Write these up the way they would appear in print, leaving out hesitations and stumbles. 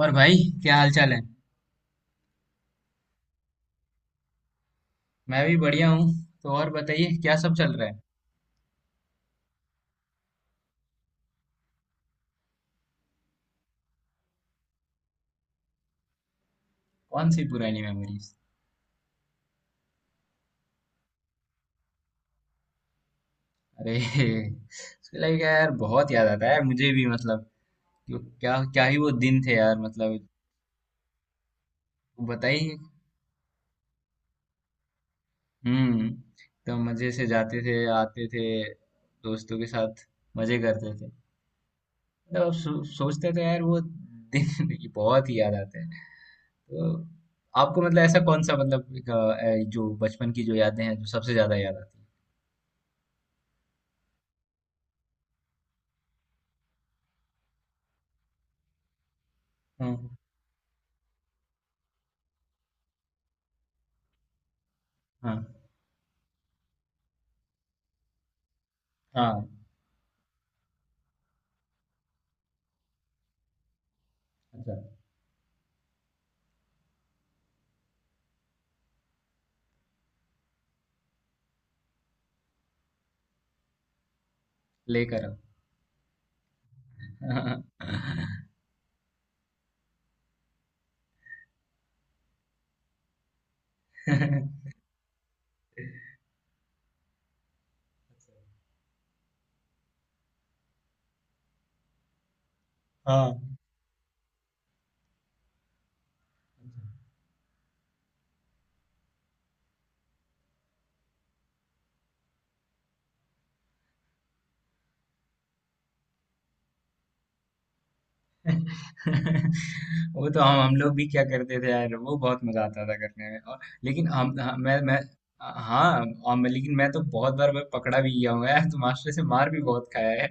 और भाई, क्या हाल चाल है। मैं भी बढ़िया हूँ। तो और बताइए, क्या सब चल रहा है। कौन सी पुरानी मेमोरीज। अरे उसके लगे क्या यार, बहुत याद आता है यार, मुझे भी, मतलब क्या क्या ही वो दिन थे यार, मतलब। बताइए। हम्म। तो मजे से जाते थे, आते थे, दोस्तों के साथ मजे करते थे। मतलब अब सोचते थे यार, वो दिन ये बहुत ही याद आते हैं। तो आपको मतलब ऐसा कौन सा, मतलब एक, जो बचपन की जो यादें हैं, जो सबसे ज्यादा याद आती है। हाँ। हाँ, हाँ, अच्छा, लेकर आओ। हाँ। वो तो हम लोग भी क्या करते थे यार, वो बहुत मजा आता था करने में। और लेकिन हम, हाँ, मैं, हाँ। और मैं, लेकिन मैं तो बहुत बार मैं पकड़ा भी गया हूँ यार, तो मास्टर से मार भी बहुत खाया।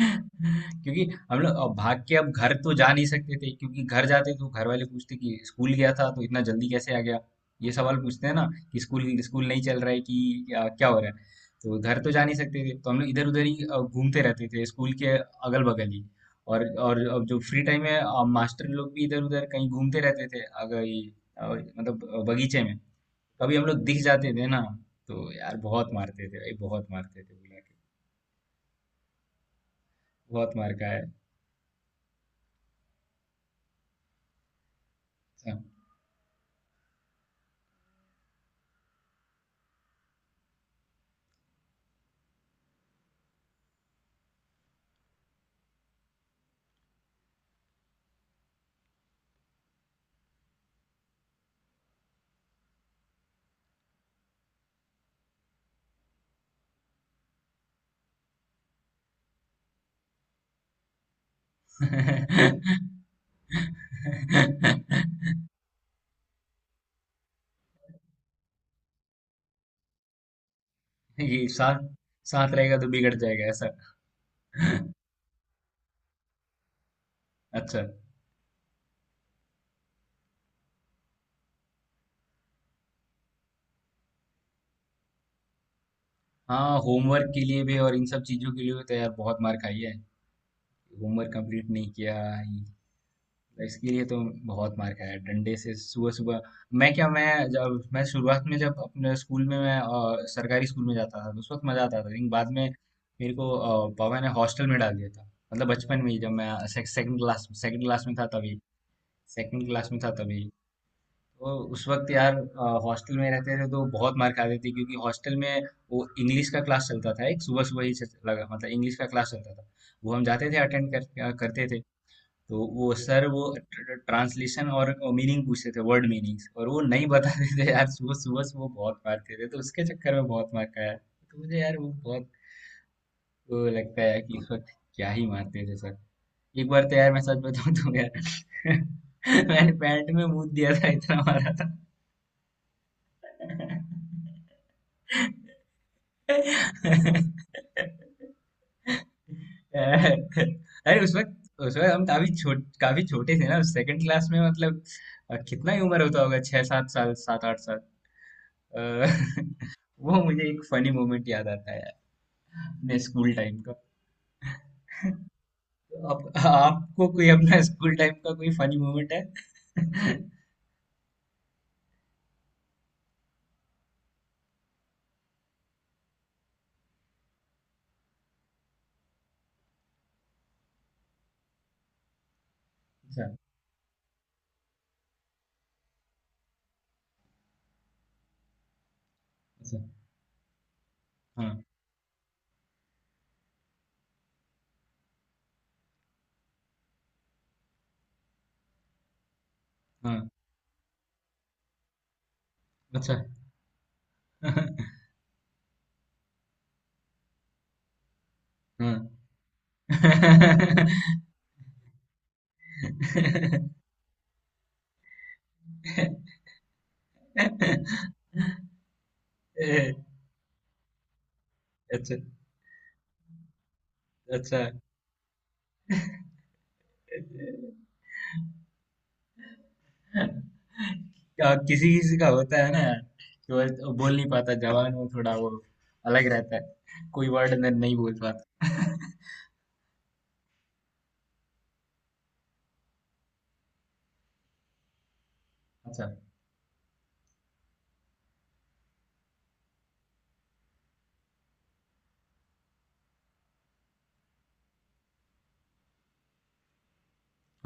क्योंकि हम लोग अब भाग के अब घर तो जा नहीं सकते थे, क्योंकि घर जाते तो घर वाले पूछते कि स्कूल गया था तो इतना जल्दी कैसे आ गया। ये सवाल पूछते हैं ना कि स्कूल स्कूल नहीं चल रहा है कि क्या हो रहा है। तो घर तो जा नहीं सकते थे, तो हम लोग इधर उधर ही घूमते रहते थे स्कूल के अगल बगल ही। और अब जो फ्री टाइम है, मास्टर लोग भी इधर उधर कहीं घूमते रहते थे, अगर ये, मतलब बगीचे में कभी हम लोग दिख जाते थे ना, तो यार बहुत मारते थे भाई, बहुत मारते थे बुला के। बहुत मार खाया है। ये साथ साथ रहेगा तो बिगड़ जाएगा, ऐसा। अच्छा। हाँ, होमवर्क के लिए भी और इन सब चीजों के लिए भी तो यार बहुत मार खाई है। होमवर्क कंप्लीट नहीं किया, इसके लिए तो बहुत मार खाया है। डंडे से सुबह सुबह। मैं, जब मैं शुरुआत में, जब अपने स्कूल में मैं सरकारी स्कूल में जाता था, तो उस वक्त मजा आता था, लेकिन बाद में मेरे को पापा ने हॉस्टल में डाल दिया था। मतलब बचपन में ही जब मैं सेकंड क्लास में था तब, सेकंड क्लास में था तभी। तो उस वक्त यार, हॉस्टल में रहते थे तो बहुत मार खाते थे, क्योंकि हॉस्टल में वो इंग्लिश का क्लास चलता था, एक सुबह सुबह ही लगा, मतलब इंग्लिश का क्लास चलता था। वो हम जाते थे अटेंड करते थे। तो वो सर, वो ट्रांसलेशन और मीनिंग पूछते थे, वर्ड मीनिंग्स, और वो नहीं बताते थे यार, सुबह सुबह से वो बहुत मारते थे, तो उसके चक्कर में बहुत मार खाया, तो मुझे यार वो बहुत, वो लगता है कि उस वक्त क्या ही मारते थे सर। एक बार तो यार, मैं सच बताऊं तो यार, मैंने पैंट में मूत दिया था, इतना मारा था। अरे उस वक्त हम काफी छोटे थे ना, सेकंड क्लास में मतलब। कितना ही उम्र होता होगा, छह सात साल, सात आठ साल। अ, वो मुझे एक फनी मोमेंट याद आता है यार, अपने स्कूल टाइम का। आपको कोई अपना स्कूल टाइम का कोई फनी मोमेंट है? अच्छा। अच्छा। हाँ। हाँ। अच्छा। हाँ। ए, अच्छा। अच्छा। किसी किसी का होता है ना, कि वो बोल नहीं पाता, जवान वो थोड़ा वो अलग रहता है, कोई वर्ड नहीं बोल पाता। अच्छा।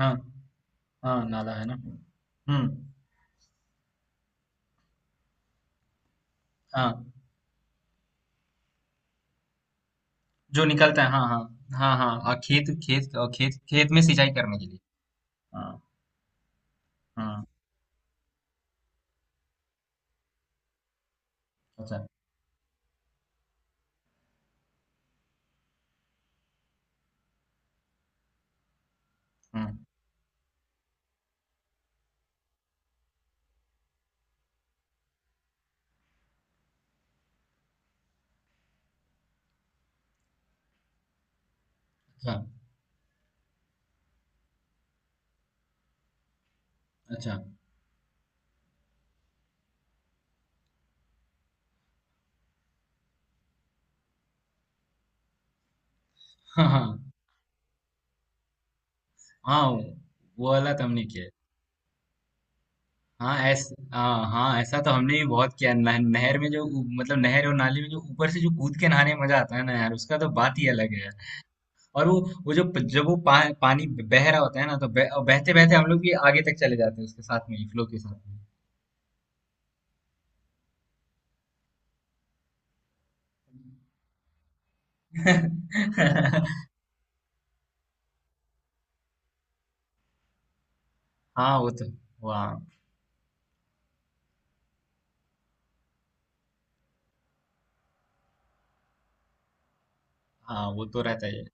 हाँ हाँ, नाला है ना। हम्म। हाँ, जो निकलता है। हाँ हाँ। हाँ हाँ, खेत खेत, खेत खेत में सिंचाई करने के लिए। हाँ हाँ। अच्छा। हाँ। अच्छा। अच्छा। हाँ हाँ हाँ, वो वाला तो हमने किया है। हाँ, ऐसा। हाँ हाँ, ऐसा तो हमने भी बहुत किया है। नहर में जो मतलब नहर और नाली में जो ऊपर से जो कूद के नहाने में मजा आता है ना यार, उसका तो बात ही अलग है यार। और वो जो जब वो पानी बह रहा होता है ना, तो बहते बहते हम लोग भी आगे तक चले जाते हैं उसके साथ में, फ्लो के साथ में। हाँ, वो तो वाह। हाँ, वो तो रहता है।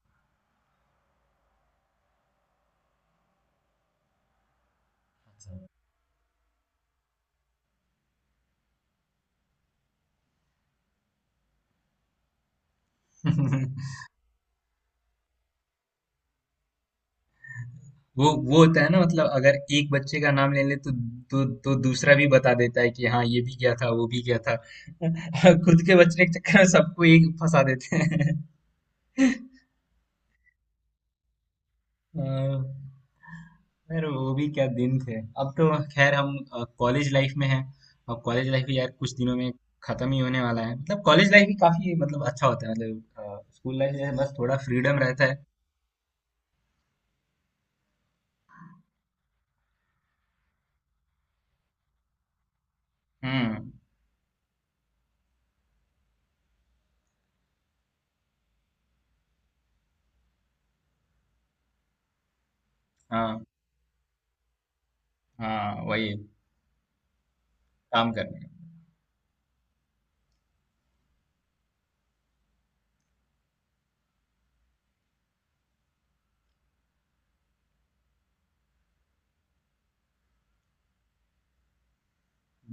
वो होता है ना, मतलब अगर एक बच्चे का नाम ले ले, तो तो दूसरा भी बता देता है कि हाँ, ये भी किया था, वो भी किया था। खुद के बचने के चक्कर में सबको एक फंसा देते हैं। अ, यार वो भी क्या दिन थे। अब तो खैर, हम कॉलेज लाइफ में हैं। अब कॉलेज लाइफ भी यार कुछ दिनों में खत्म ही होने वाला है। मतलब कॉलेज लाइफ भी काफी, मतलब अच्छा होता है, मतलब स्कूल लाइफ में बस थोड़ा फ्रीडम रहता है। हम्म। हाँ हाँ, वही काम करना।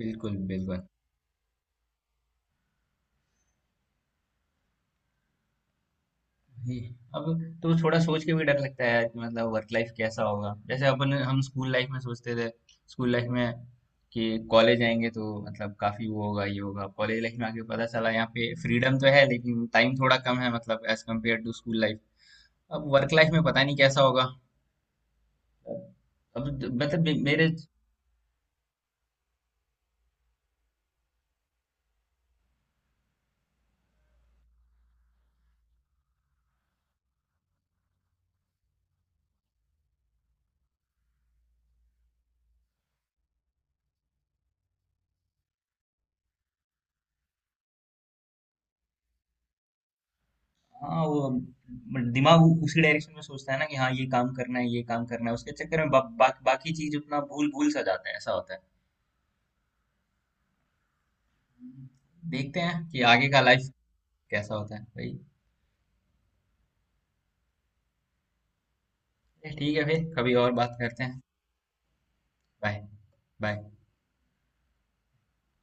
बिल्कुल, बिल्कुल। ही। अब तो थोड़ा सोच के भी डर लगता है यार, कि मतलब वर्क लाइफ कैसा होगा? जैसे अपन, हम स्कूल लाइफ में सोचते थे, स्कूल लाइफ में कि कॉलेज आएँगे तो मतलब काफ़ी वो होगा, ये होगा। कॉलेज लाइफ में आके पता चला, यहाँ पे फ्रीडम तो है, लेकिन टाइम थोड़ा कम है, मतलब as compare to school life. अब वर्क लाइफ में पता नहीं कैसा होगा? अब द मतलब मे मेरे, हाँ, वो दिमाग उसी डायरेक्शन में सोचता है ना कि हाँ, ये काम करना है, ये काम करना है। उसके चक्कर में ब बा बाकी चीज़ अपना भूल-भूल सा जाता है, ऐसा होता है। देखते हैं कि आगे का लाइफ कैसा होता है भाई। ठीक है, फिर कभी और बात करते हैं। बाय। बाय।